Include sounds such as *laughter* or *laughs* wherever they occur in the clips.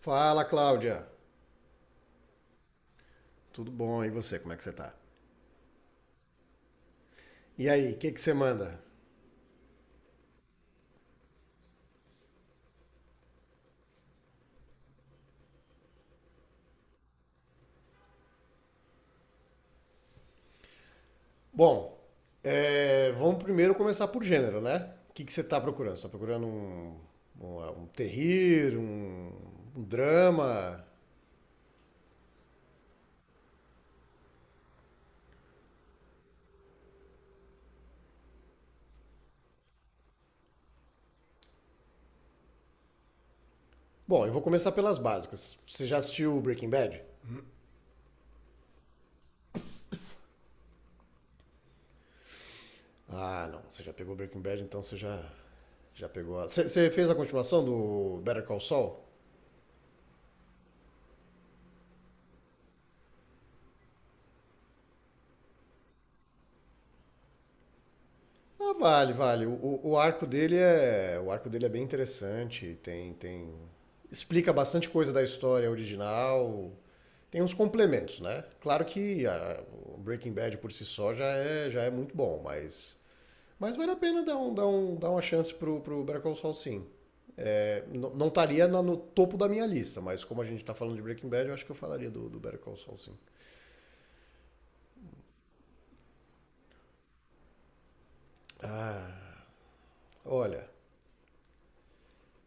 Fala, Cláudia. Tudo bom? E você, como é que você tá? E aí, o que que você manda? Bom, vamos primeiro começar por gênero, né? O que que você tá procurando? Você tá procurando um terrir, um drama? Bom, eu vou começar pelas básicas. Você já assistiu Breaking Bad? Ah, não. Você já pegou Breaking Bad, então já pegou a... você fez a continuação do Better Call Saul? Ah, vale, vale. O arco dele é, o arco dele é bem interessante. Explica bastante coisa da história original. Tem uns complementos, né? Claro que a- o Breaking Bad por si só já é muito bom, mas vale a pena dar uma chance pro Better Call Saul, sim. É, não estaria no topo da minha lista, mas como a gente tá falando de Breaking Bad, eu acho que eu falaria do Better Call Saul, sim. Olha,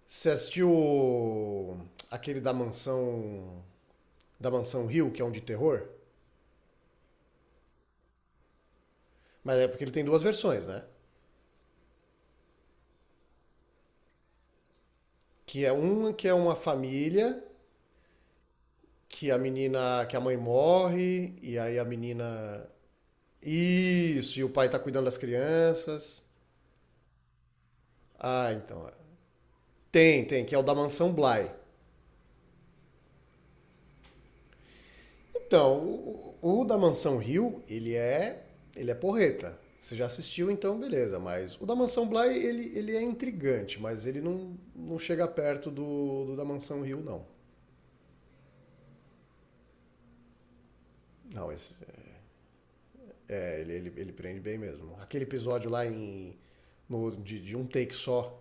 você assistiu aquele da Mansão Hill, que é um de terror. Mas é porque ele tem duas versões, né? Que é uma família que a menina, que a mãe morre e aí a menina isso, e o pai tá cuidando das crianças. Ah, então. É. Tem, tem, que é o da Mansão Bly. Então, o da Mansão Hill, ele é porreta. Você já assistiu, então beleza, mas o da Mansão Bly, ele é intrigante, mas ele não, não chega perto do da Mansão Hill, não. Não, esse, é, ele prende bem mesmo. Aquele episódio lá em. De um take só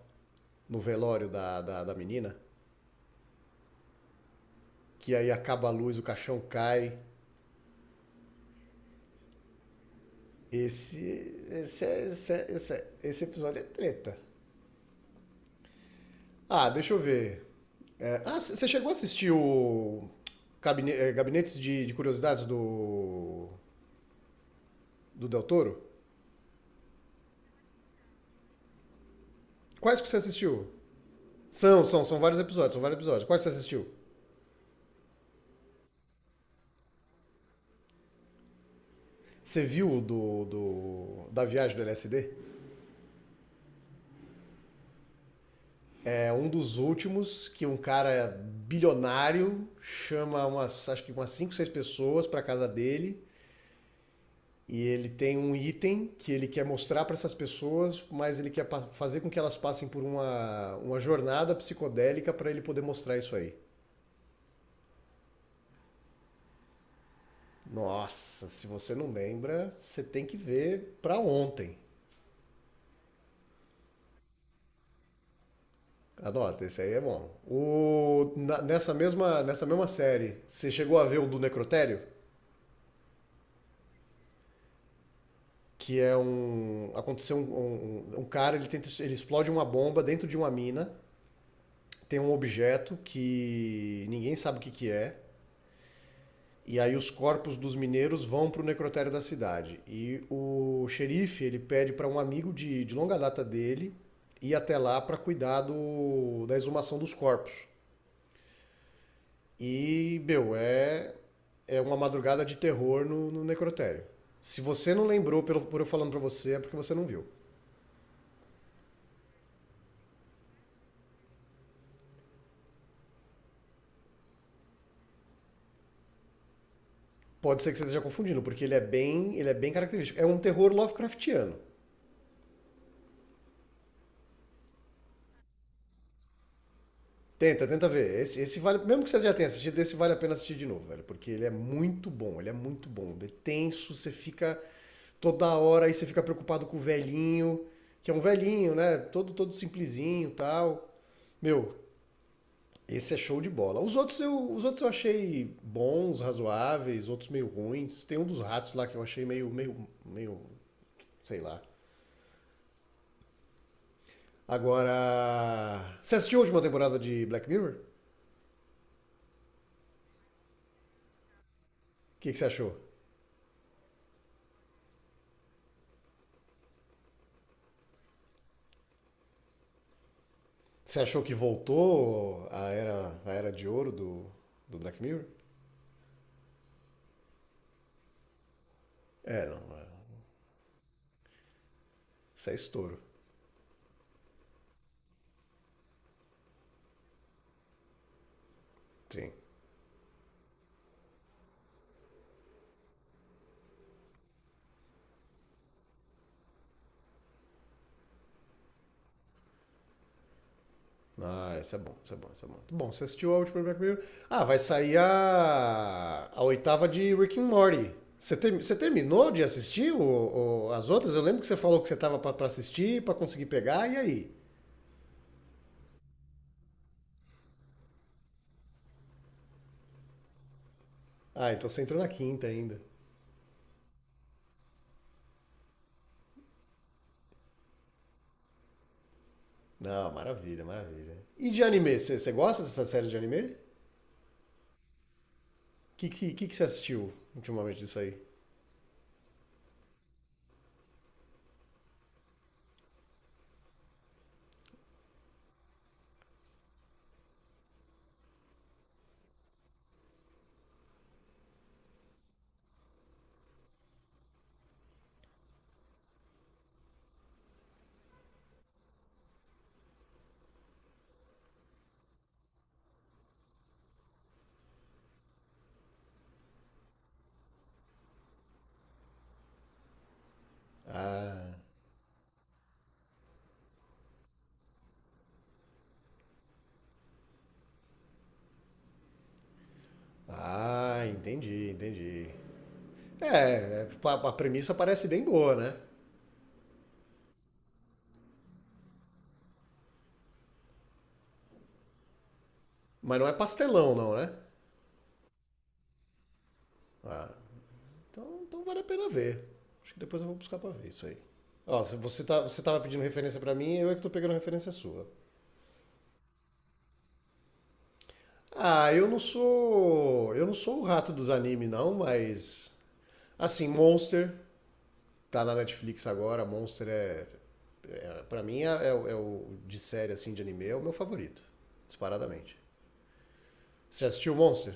no velório da menina, que aí acaba a luz, o caixão cai. Esse. Esse, esse, esse, esse episódio é treta. Ah, deixa eu ver. É, ah, você chegou a assistir o. Cabine, Gabinetes de Curiosidades do. Do Del Toro? Quais que você assistiu? São vários episódios, são vários episódios. Quais que você assistiu? Você viu o da viagem do LSD? É um dos últimos que um cara bilionário chama umas, acho que umas 5 6 pessoas para casa dele e ele tem um item que ele quer mostrar para essas pessoas, mas ele quer fazer com que elas passem por uma jornada psicodélica para ele poder mostrar isso aí. Nossa, se você não lembra, você tem que ver para ontem. Anota, esse aí é bom. O, nessa mesma série, você chegou a ver o do Necrotério? Que é um aconteceu um cara ele tenta ele explode uma bomba dentro de uma mina, tem um objeto que ninguém sabe o que, que é, e aí os corpos dos mineiros vão para o necrotério da cidade e o xerife ele pede para um amigo de longa data dele ir até lá para cuidar da exumação dos corpos, e meu, é é uma madrugada de terror no necrotério. Se você não lembrou pelo por eu falando para você é porque você não viu. Pode ser que você esteja confundindo, porque ele é bem característico. É um terror Lovecraftiano. Tenta, tenta ver. Esse vale, mesmo que você já tenha assistido, esse vale a pena assistir de novo, velho, porque ele é muito bom, ele é muito bom. Ele é tenso, você fica toda hora aí você fica preocupado com o velhinho, que é um velhinho, né? Todo simplesinho, e tal. Meu, esse é show de bola. Os outros eu achei bons, razoáveis, outros meio ruins. Tem um dos ratos lá que eu achei meio, sei lá. Agora, você assistiu a última temporada de Black Mirror? O que, que você achou? Você achou que voltou a era de ouro do Black Mirror? É, não. É. Isso é estouro. Sim. Ah, isso é bom, isso é bom, isso é bom. Bom, você assistiu a última Black Mirror? Ah, vai sair a oitava de Rick and Morty. Você, você terminou de assistir as outras? Eu lembro que você falou que você tava pra assistir, pra conseguir pegar, e aí? Ah, então você entrou na quinta ainda. Não, maravilha, maravilha. E de anime, você gosta dessa série de anime? O que você assistiu ultimamente disso aí? Ah, ah, entendi, entendi. A premissa parece bem boa, né? Mas não é pastelão, não, né? Ah, então, então vale a pena ver. Acho que depois eu vou buscar pra ver isso aí. Ó, se você, tá, você tava pedindo referência pra mim, eu é que tô pegando referência sua. Ah, eu não sou. Eu não sou o rato dos animes, não, mas. Assim, Monster, tá na Netflix agora, Monster é. É pra mim, é, é o de série assim de anime, é o meu favorito. Disparadamente. Você já assistiu Monster?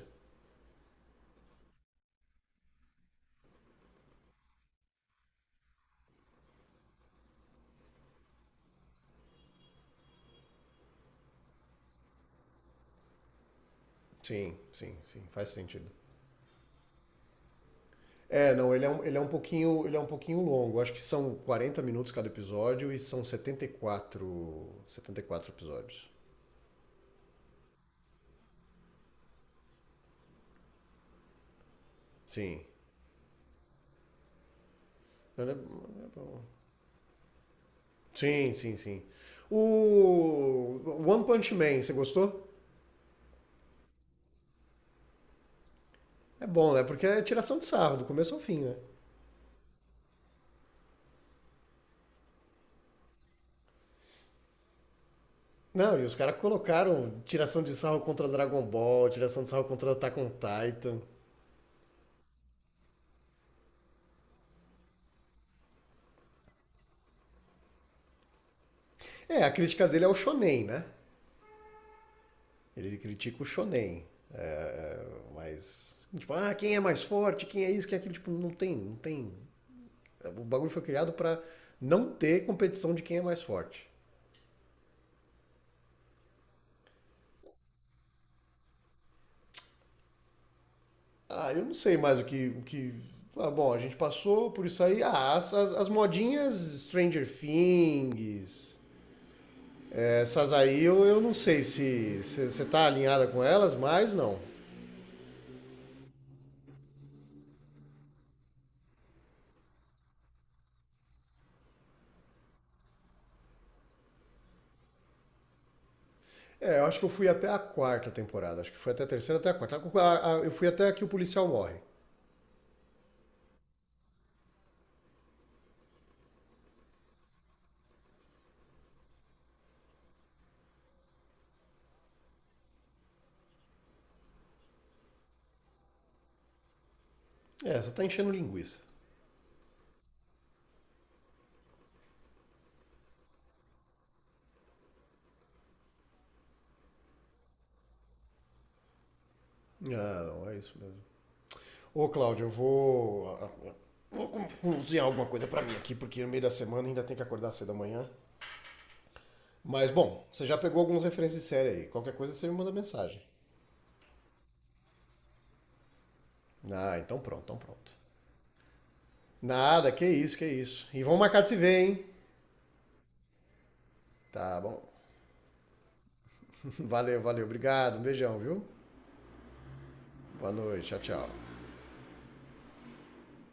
Sim, sim, sim, faz sentido. É, não, ele é um pouquinho, ele é um pouquinho longo. Acho que são 40 minutos cada episódio e são 74, 74 episódios. Sim. É bom. Sim, sim, sim. O One Punch Man, você gostou? É bom, né? Porque é tiração de sarro, do começo ao fim, né? Não, e os caras colocaram tiração de sarro contra Dragon Ball, tiração de sarro contra Attack on Titan. É, a crítica dele é o shonen, né? Ele critica o shonen. É, mas, tipo, ah, quem é mais forte, quem é isso, quem é aquilo. Tipo, não tem, não tem. O bagulho foi criado pra não ter competição de quem é mais forte. Ah, eu não sei mais o que... O que... Ah, bom, a gente passou por isso aí. Ah, as modinhas Stranger Things... Essas aí eu não sei se você tá alinhada com elas, mas não. É, eu acho que eu fui até a quarta temporada. Acho que foi até a terceira, até a quarta. Eu fui até que o policial morre. É, só tá enchendo linguiça. Ah, não, é isso mesmo. Ô, Cláudio, eu vou. Vou cozinhar alguma coisa pra mim aqui, porque no meio da semana ainda tem que acordar cedo amanhã. Mas, bom, você já pegou algumas referências de série aí. Qualquer coisa você me manda mensagem. Ah, então pronto, então pronto. Nada, que isso, que isso. E vamos marcar de se ver, hein? Tá bom. *laughs* Valeu, valeu. Obrigado, um beijão, viu? Boa noite, tchau, tchau.